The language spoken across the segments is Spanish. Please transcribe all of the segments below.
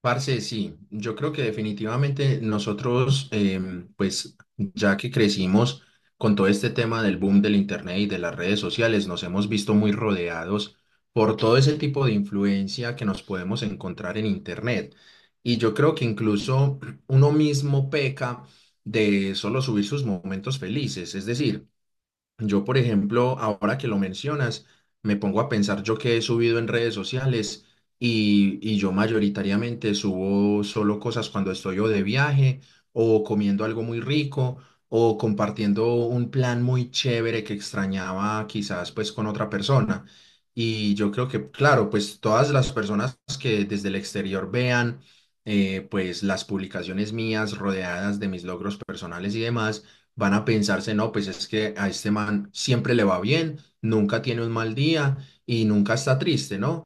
Parce, sí, yo creo que definitivamente nosotros, pues ya que crecimos con todo este tema del boom del Internet y de las redes sociales, nos hemos visto muy rodeados por todo ese tipo de influencia que nos podemos encontrar en Internet. Y yo creo que incluso uno mismo peca de solo subir sus momentos felices, es decir, yo, por ejemplo, ahora que lo mencionas, me pongo a pensar yo que he subido en redes sociales y yo mayoritariamente subo solo cosas cuando estoy o de viaje o comiendo algo muy rico o compartiendo un plan muy chévere que extrañaba quizás pues con otra persona. Y yo creo que, claro, pues todas las personas que desde el exterior vean pues las publicaciones mías rodeadas de mis logros personales y demás van a pensarse, no, pues es que a este man siempre le va bien, nunca tiene un mal día y nunca está triste, ¿no?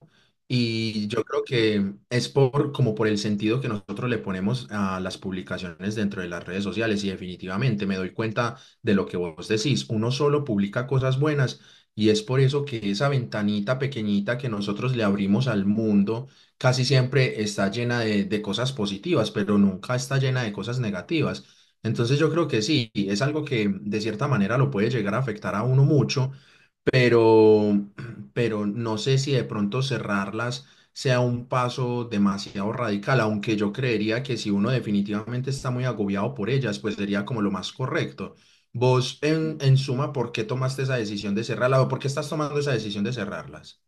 Y yo creo que es por, como por el sentido que nosotros le ponemos a las publicaciones dentro de las redes sociales y definitivamente me doy cuenta de lo que vos decís, uno solo publica cosas buenas y es por eso que esa ventanita pequeñita que nosotros le abrimos al mundo casi siempre está llena de cosas positivas, pero nunca está llena de cosas negativas. Entonces yo creo que sí, es algo que de cierta manera lo puede llegar a afectar a uno mucho, pero, pero no sé si de pronto cerrarlas sea un paso demasiado radical, aunque yo creería que si uno definitivamente está muy agobiado por ellas, pues sería como lo más correcto. Vos, en suma, ¿por qué tomaste esa decisión de cerrarlas o por qué estás tomando esa decisión de cerrarlas?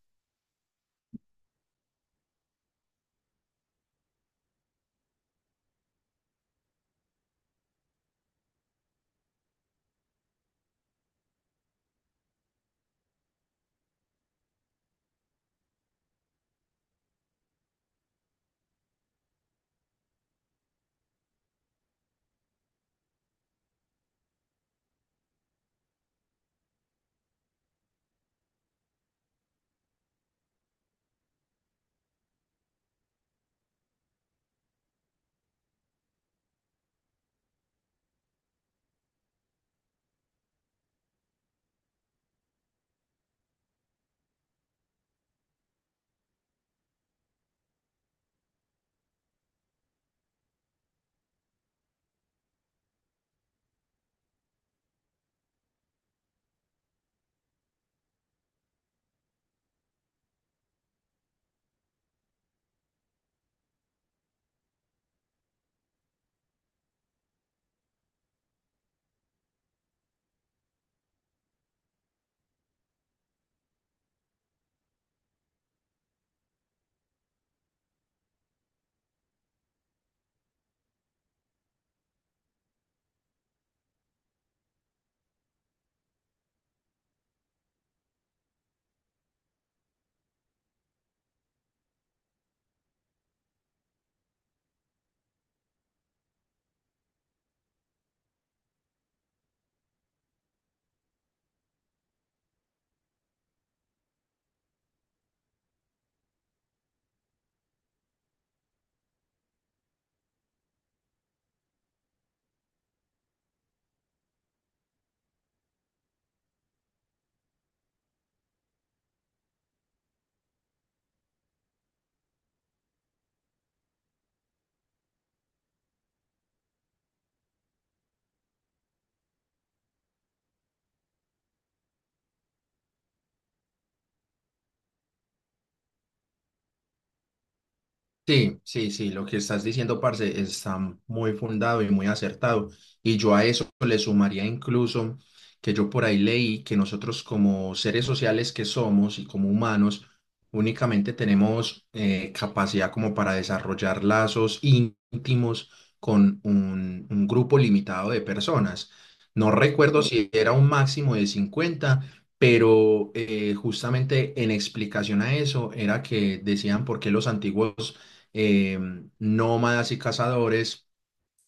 Sí, sí, sí, lo que estás diciendo, parce, está muy fundado y muy acertado. Y yo a eso le sumaría incluso que yo por ahí leí que nosotros como seres sociales que somos y como humanos, únicamente tenemos capacidad como para desarrollar lazos íntimos con un grupo limitado de personas. No recuerdo si era un máximo de 50, pero justamente en explicación a eso era que decían por qué los antiguos eh, nómadas y cazadores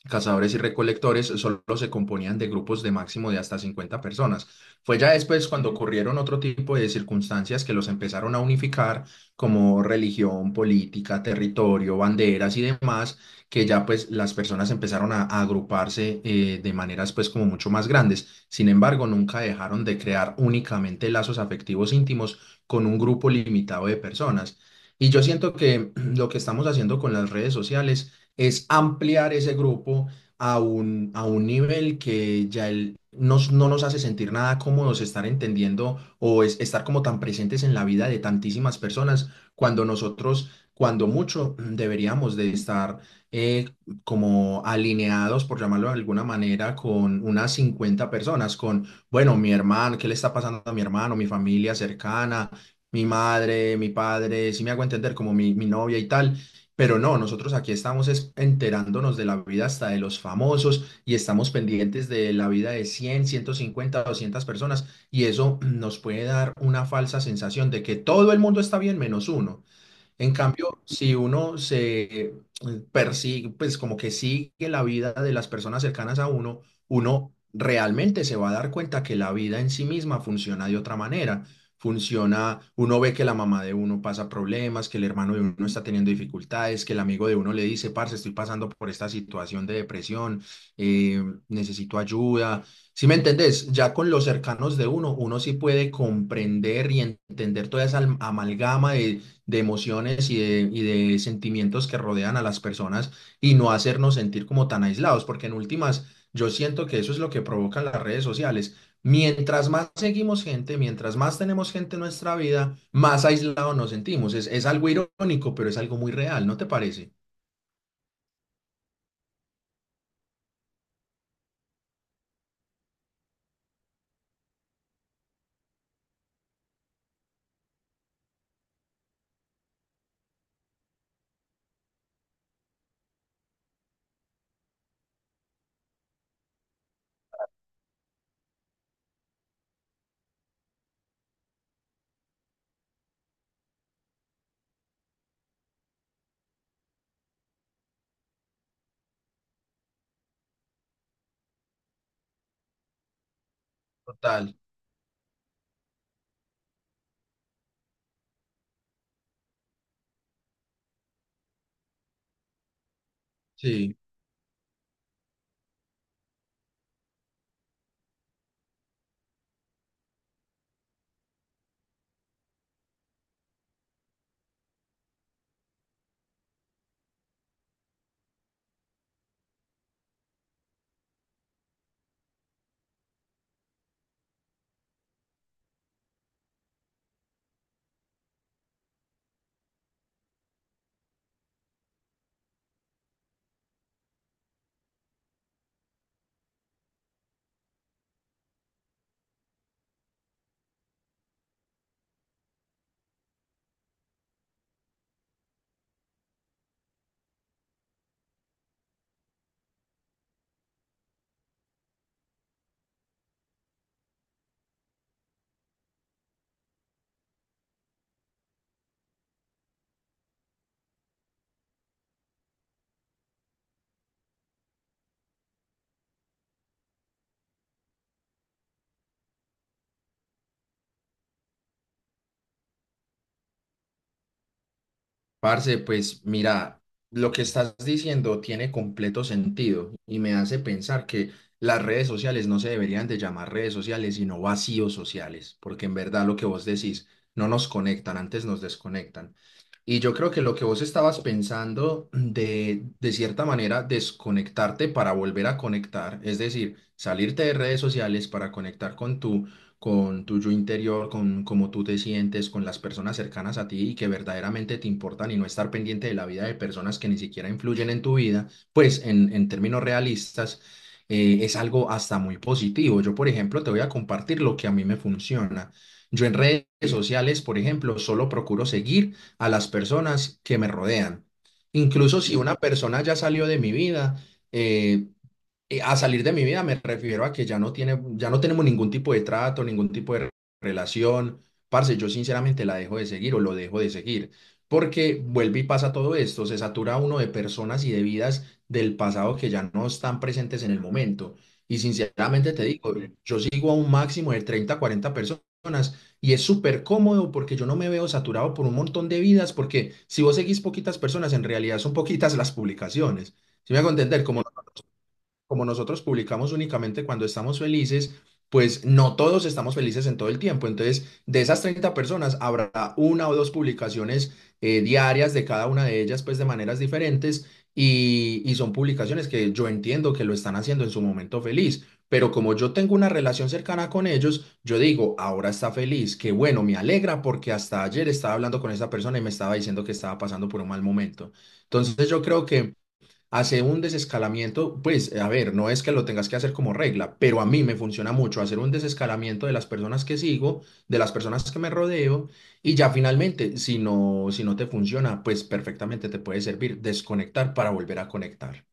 Cazadores y recolectores solo se componían de grupos de máximo de hasta 50 personas. Fue ya después cuando ocurrieron otro tipo de circunstancias que los empezaron a unificar, como religión, política, territorio, banderas y demás, que ya pues las personas empezaron a agruparse de maneras pues como mucho más grandes. Sin embargo, nunca dejaron de crear únicamente lazos afectivos íntimos con un grupo limitado de personas. Y yo siento que lo que estamos haciendo con las redes sociales es ampliar ese grupo a a un nivel que ya no nos hace sentir nada cómodos estar entendiendo estar como tan presentes en la vida de tantísimas personas cuando nosotros, cuando mucho, deberíamos de estar eh, como alineados, por llamarlo de alguna manera, con unas 50 personas, con, bueno, mi hermano, ¿qué le está pasando a mi hermano, mi familia cercana? Mi madre, mi padre, si me hago entender como mi novia y tal, pero no, nosotros aquí estamos enterándonos de la vida hasta de los famosos y estamos pendientes de la vida de 100 150 200 personas y eso nos puede dar una falsa sensación de que todo el mundo está bien menos uno. En cambio, si uno se persigue, pues como que sigue la vida de las personas cercanas a uno, uno realmente se va a dar cuenta que la vida en sí misma funciona de otra manera. Funciona, uno ve que la mamá de uno pasa problemas, que el hermano de uno está teniendo dificultades, que el amigo de uno le dice, parce, estoy pasando por esta situación de depresión, eh, necesito ayuda. Si me entendés, ya con los cercanos de uno, uno sí puede comprender y entender toda esa amalgama de emociones y y de sentimientos que rodean a las personas y no hacernos sentir como tan aislados, porque en últimas yo siento que eso es lo que provocan las redes sociales. Mientras más seguimos gente, mientras más tenemos gente en nuestra vida, más aislados nos sentimos. Es algo irónico, pero es algo muy real, ¿no te parece? Total, sí. Parce, pues mira, lo que estás diciendo tiene completo sentido y me hace pensar que las redes sociales no se deberían de llamar redes sociales, sino vacíos sociales, porque en verdad lo que vos decís no nos conectan, antes nos desconectan. Y yo creo que lo que vos estabas pensando de cierta manera, desconectarte para volver a conectar, es decir, salirte de redes sociales para conectar con con tu yo interior, con cómo tú te sientes, con las personas cercanas a ti y que verdaderamente te importan y no estar pendiente de la vida de personas que ni siquiera influyen en tu vida, pues en términos realistas, es algo hasta muy positivo. Yo, por ejemplo, te voy a compartir lo que a mí me funciona. Yo en redes sociales, por ejemplo, solo procuro seguir a las personas que me rodean. Incluso si una persona ya salió de mi vida, eh, a salir de mi vida me refiero a que ya no tiene, ya no tenemos ningún tipo de trato, ningún tipo de relación. Parce, yo sinceramente la dejo de seguir o lo dejo de seguir, porque vuelve y pasa todo esto, se satura uno de personas y de vidas del pasado que ya no están presentes en el momento. Y sinceramente te digo, yo sigo a un máximo de 30, 40 personas y es súper cómodo porque yo no me veo saturado por un montón de vidas, porque si vos seguís poquitas personas, en realidad son poquitas las publicaciones. Si me hago entender, como nosotros publicamos únicamente cuando estamos felices, pues no todos estamos felices en todo el tiempo. Entonces, de esas 30 personas, habrá una o dos publicaciones diarias de cada una de ellas, pues de maneras diferentes. Y son publicaciones que yo entiendo que lo están haciendo en su momento feliz, pero como yo tengo una relación cercana con ellos, yo digo, ahora está feliz, que bueno, me alegra porque hasta ayer estaba hablando con esa persona y me estaba diciendo que estaba pasando por un mal momento. Entonces yo creo que hacer un desescalamiento, pues, a ver, no es que lo tengas que hacer como regla, pero a mí me funciona mucho hacer un desescalamiento de las personas que sigo, de las personas que me rodeo, y ya finalmente, si no te funciona, pues perfectamente te puede servir desconectar para volver a conectar.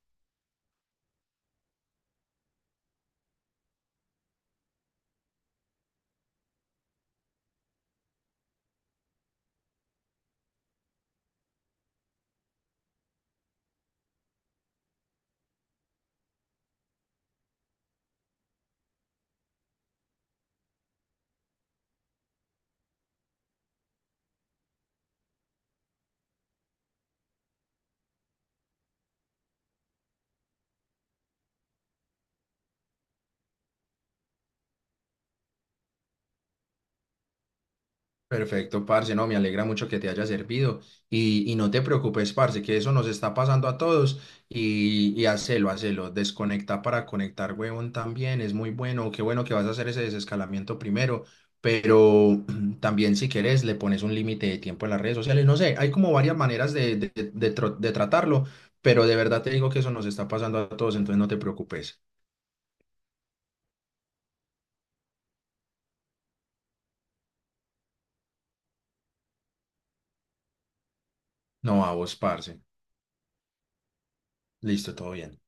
Perfecto, parce, no, me alegra mucho que te haya servido y no te preocupes, parce, que eso nos está pasando a todos y hacelo, hacelo, desconecta para conectar, huevón, también, es muy bueno, qué bueno que vas a hacer ese desescalamiento primero, pero también si quieres le pones un límite de tiempo en las redes sociales, no sé, hay como varias maneras de de tratarlo, pero de verdad te digo que eso nos está pasando a todos, entonces no te preocupes, no a vos, parce, listo, todo bien.